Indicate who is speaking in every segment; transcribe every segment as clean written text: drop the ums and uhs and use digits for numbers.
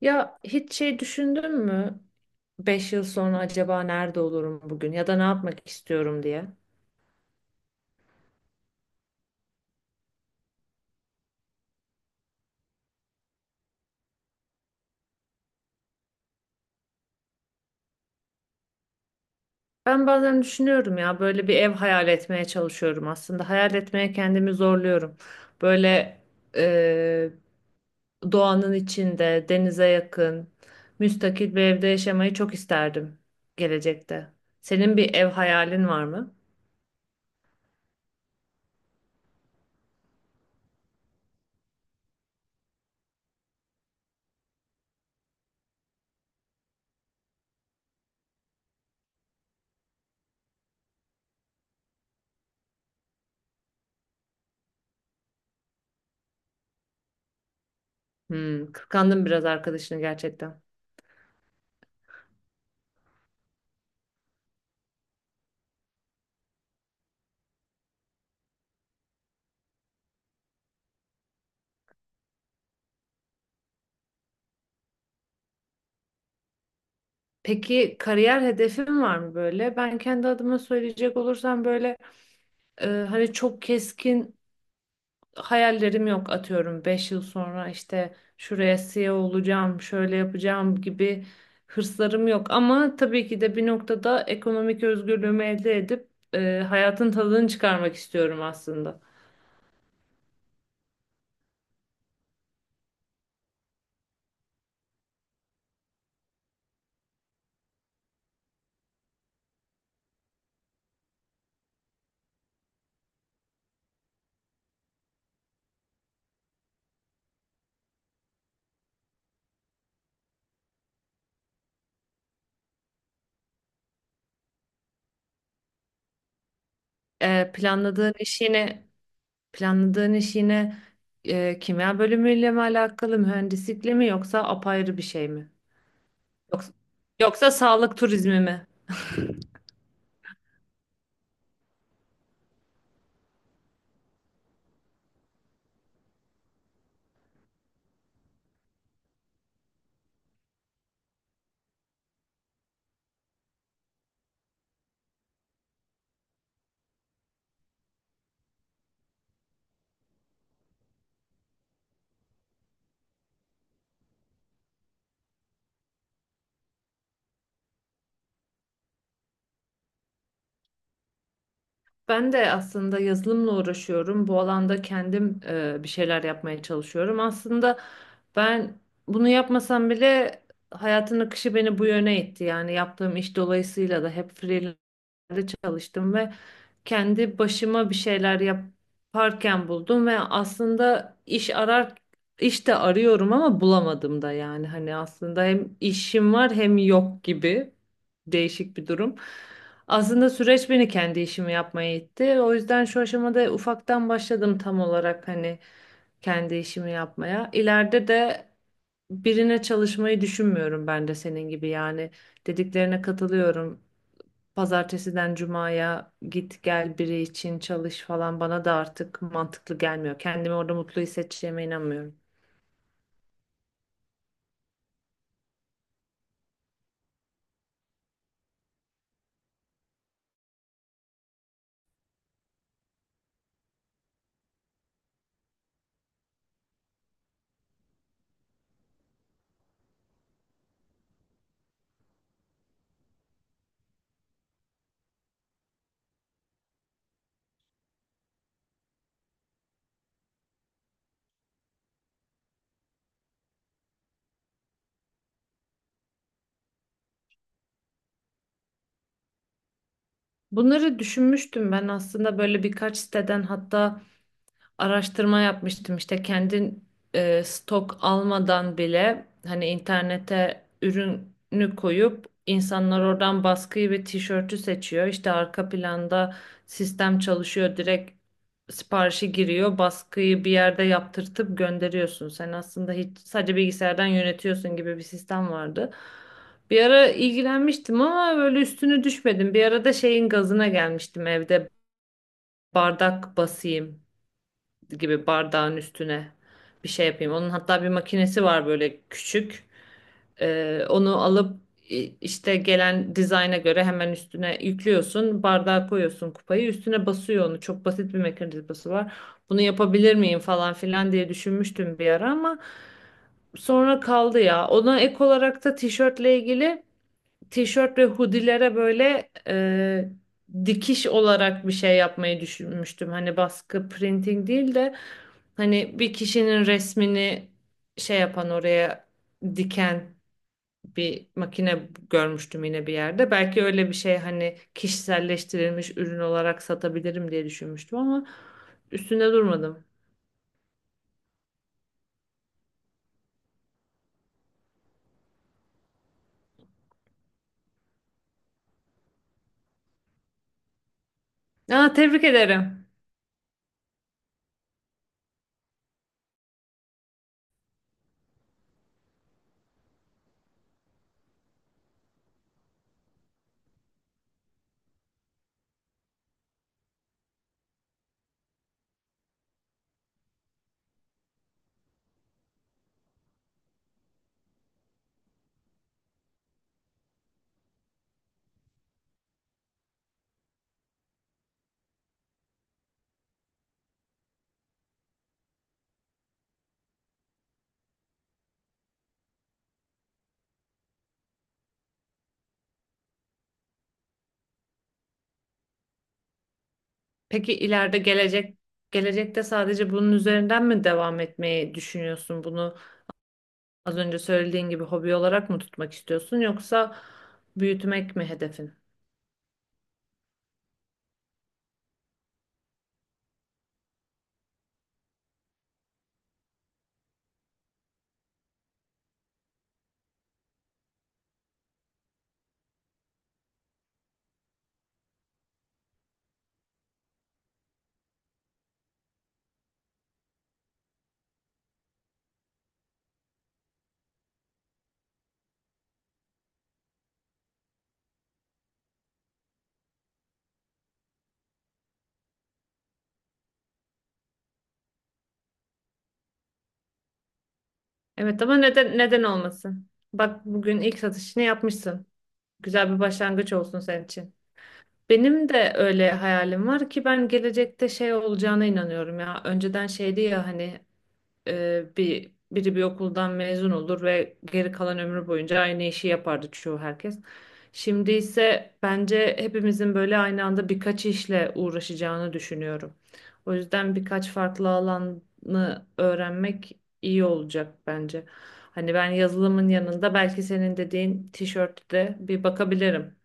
Speaker 1: Ya hiç şey düşündün mü? 5 yıl sonra acaba nerede olurum bugün ya da ne yapmak istiyorum diye. Ben bazen düşünüyorum ya böyle bir ev hayal etmeye çalışıyorum aslında. Hayal etmeye kendimi zorluyorum. Böyle eee, doğanın içinde, denize yakın, müstakil bir evde yaşamayı çok isterdim gelecekte. Senin bir ev hayalin var mı? Hmm, kıskandım biraz arkadaşını gerçekten. Peki kariyer hedefin var mı böyle? Ben kendi adıma söyleyecek olursam böyle hani çok keskin hayallerim yok, atıyorum 5 yıl sonra işte şuraya CEO olacağım, şöyle yapacağım gibi hırslarım yok. Ama tabii ki de bir noktada ekonomik özgürlüğümü elde edip hayatın tadını çıkarmak istiyorum aslında. Planladığın iş yine planladığın iş yine kimya bölümüyle mi alakalı, mühendislikle mi yoksa apayrı bir şey mi? Yoksa, yoksa sağlık turizmi mi? Ben de aslında yazılımla uğraşıyorum. Bu alanda kendim bir şeyler yapmaya çalışıyorum. Aslında ben bunu yapmasam bile hayatın akışı beni bu yöne itti. Yani yaptığım iş dolayısıyla da hep freelance'de çalıştım ve kendi başıma bir şeyler yaparken buldum ve aslında iş de arıyorum ama bulamadım da, yani hani aslında hem işim var hem yok gibi değişik bir durum. Aslında süreç beni kendi işimi yapmaya itti. O yüzden şu aşamada ufaktan başladım tam olarak hani kendi işimi yapmaya. İleride de birine çalışmayı düşünmüyorum ben de senin gibi, yani dediklerine katılıyorum, pazartesiden cumaya git gel biri için çalış falan bana da artık mantıklı gelmiyor. Kendimi orada mutlu hissedeceğime inanmıyorum. Bunları düşünmüştüm ben aslında, böyle birkaç siteden hatta araştırma yapmıştım, işte kendin stok almadan bile hani internete ürünü koyup insanlar oradan baskıyı ve tişörtü seçiyor. İşte arka planda sistem çalışıyor, direkt siparişi giriyor, baskıyı bir yerde yaptırtıp gönderiyorsun. Sen aslında hiç, sadece bilgisayardan yönetiyorsun gibi bir sistem vardı. Bir ara ilgilenmiştim ama böyle üstüne düşmedim. Bir ara da şeyin gazına gelmiştim evde bardak basayım gibi, bardağın üstüne bir şey yapayım. Onun hatta bir makinesi var böyle küçük. Onu alıp işte gelen dizayna göre hemen üstüne yüklüyorsun. Bardağa koyuyorsun, kupayı üstüne basıyor onu. Çok basit bir mekanizması var. Bunu yapabilir miyim falan filan diye düşünmüştüm bir ara ama sonra kaldı ya. Ona ek olarak da tişört ve hoodie'lere böyle dikiş olarak bir şey yapmayı düşünmüştüm. Hani baskı printing değil de hani bir kişinin resmini şey yapan, oraya diken bir makine görmüştüm yine bir yerde. Belki öyle bir şey hani kişiselleştirilmiş ürün olarak satabilirim diye düşünmüştüm ama üstünde durmadım. Aa, tebrik ederim. Peki ileride gelecekte sadece bunun üzerinden mi devam etmeyi düşünüyorsun? Bunu az önce söylediğin gibi hobi olarak mı tutmak istiyorsun, yoksa büyütmek mi hedefin? Evet ama neden, neden olmasın? Bak bugün ilk satışını yapmışsın. Güzel bir başlangıç olsun senin için. Benim de öyle hayalim var ki, ben gelecekte şey olacağına inanıyorum ya. Önceden şeydi ya hani biri bir okuldan mezun olur ve geri kalan ömrü boyunca aynı işi yapardı çoğu herkes. Şimdi ise bence hepimizin böyle aynı anda birkaç işle uğraşacağını düşünüyorum. O yüzden birkaç farklı alanı öğrenmek iyi olacak bence. Hani ben yazılımın yanında belki senin dediğin tişörtte bir bakabilirim.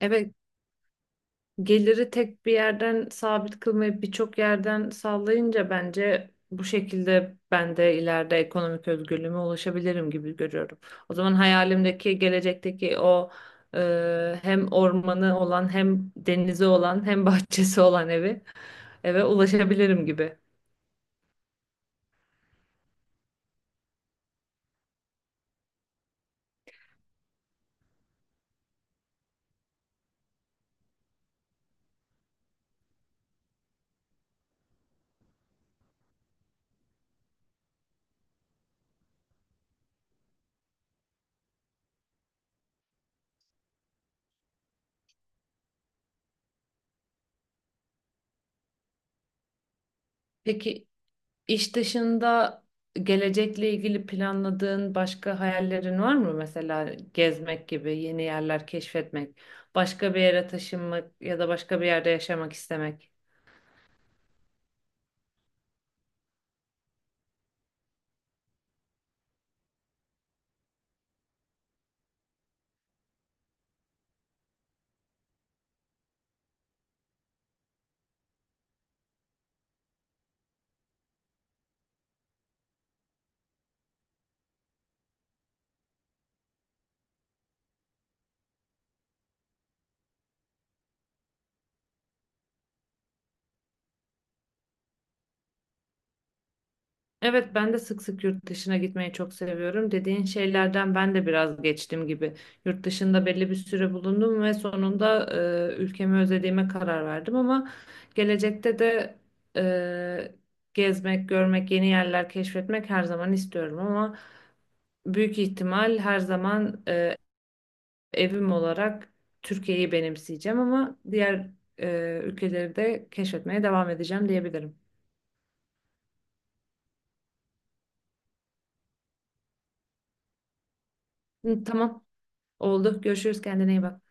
Speaker 1: Evet, geliri tek bir yerden sabit kılmayıp birçok yerden sağlayınca bence bu şekilde ben de ileride ekonomik özgürlüğüme ulaşabilirim gibi görüyorum. O zaman hayalimdeki gelecekteki o e, hem ormanı olan, hem denizi olan, hem bahçesi olan eve ulaşabilirim gibi. Peki İş dışında gelecekle ilgili planladığın başka hayallerin var mı? Mesela gezmek gibi, yeni yerler keşfetmek, başka bir yere taşınmak ya da başka bir yerde yaşamak istemek. Evet, ben de sık sık yurt dışına gitmeyi çok seviyorum. Dediğin şeylerden ben de biraz geçtim gibi. Yurt dışında belli bir süre bulundum ve sonunda ülkemi özlediğime karar verdim ama gelecekte de e, gezmek, görmek, yeni yerler keşfetmek her zaman istiyorum ama büyük ihtimal her zaman evim olarak Türkiye'yi benimseyeceğim ama diğer ülkeleri de keşfetmeye devam edeceğim diyebilirim. Hı, tamam, oldu. Görüşürüz. Kendine iyi bak.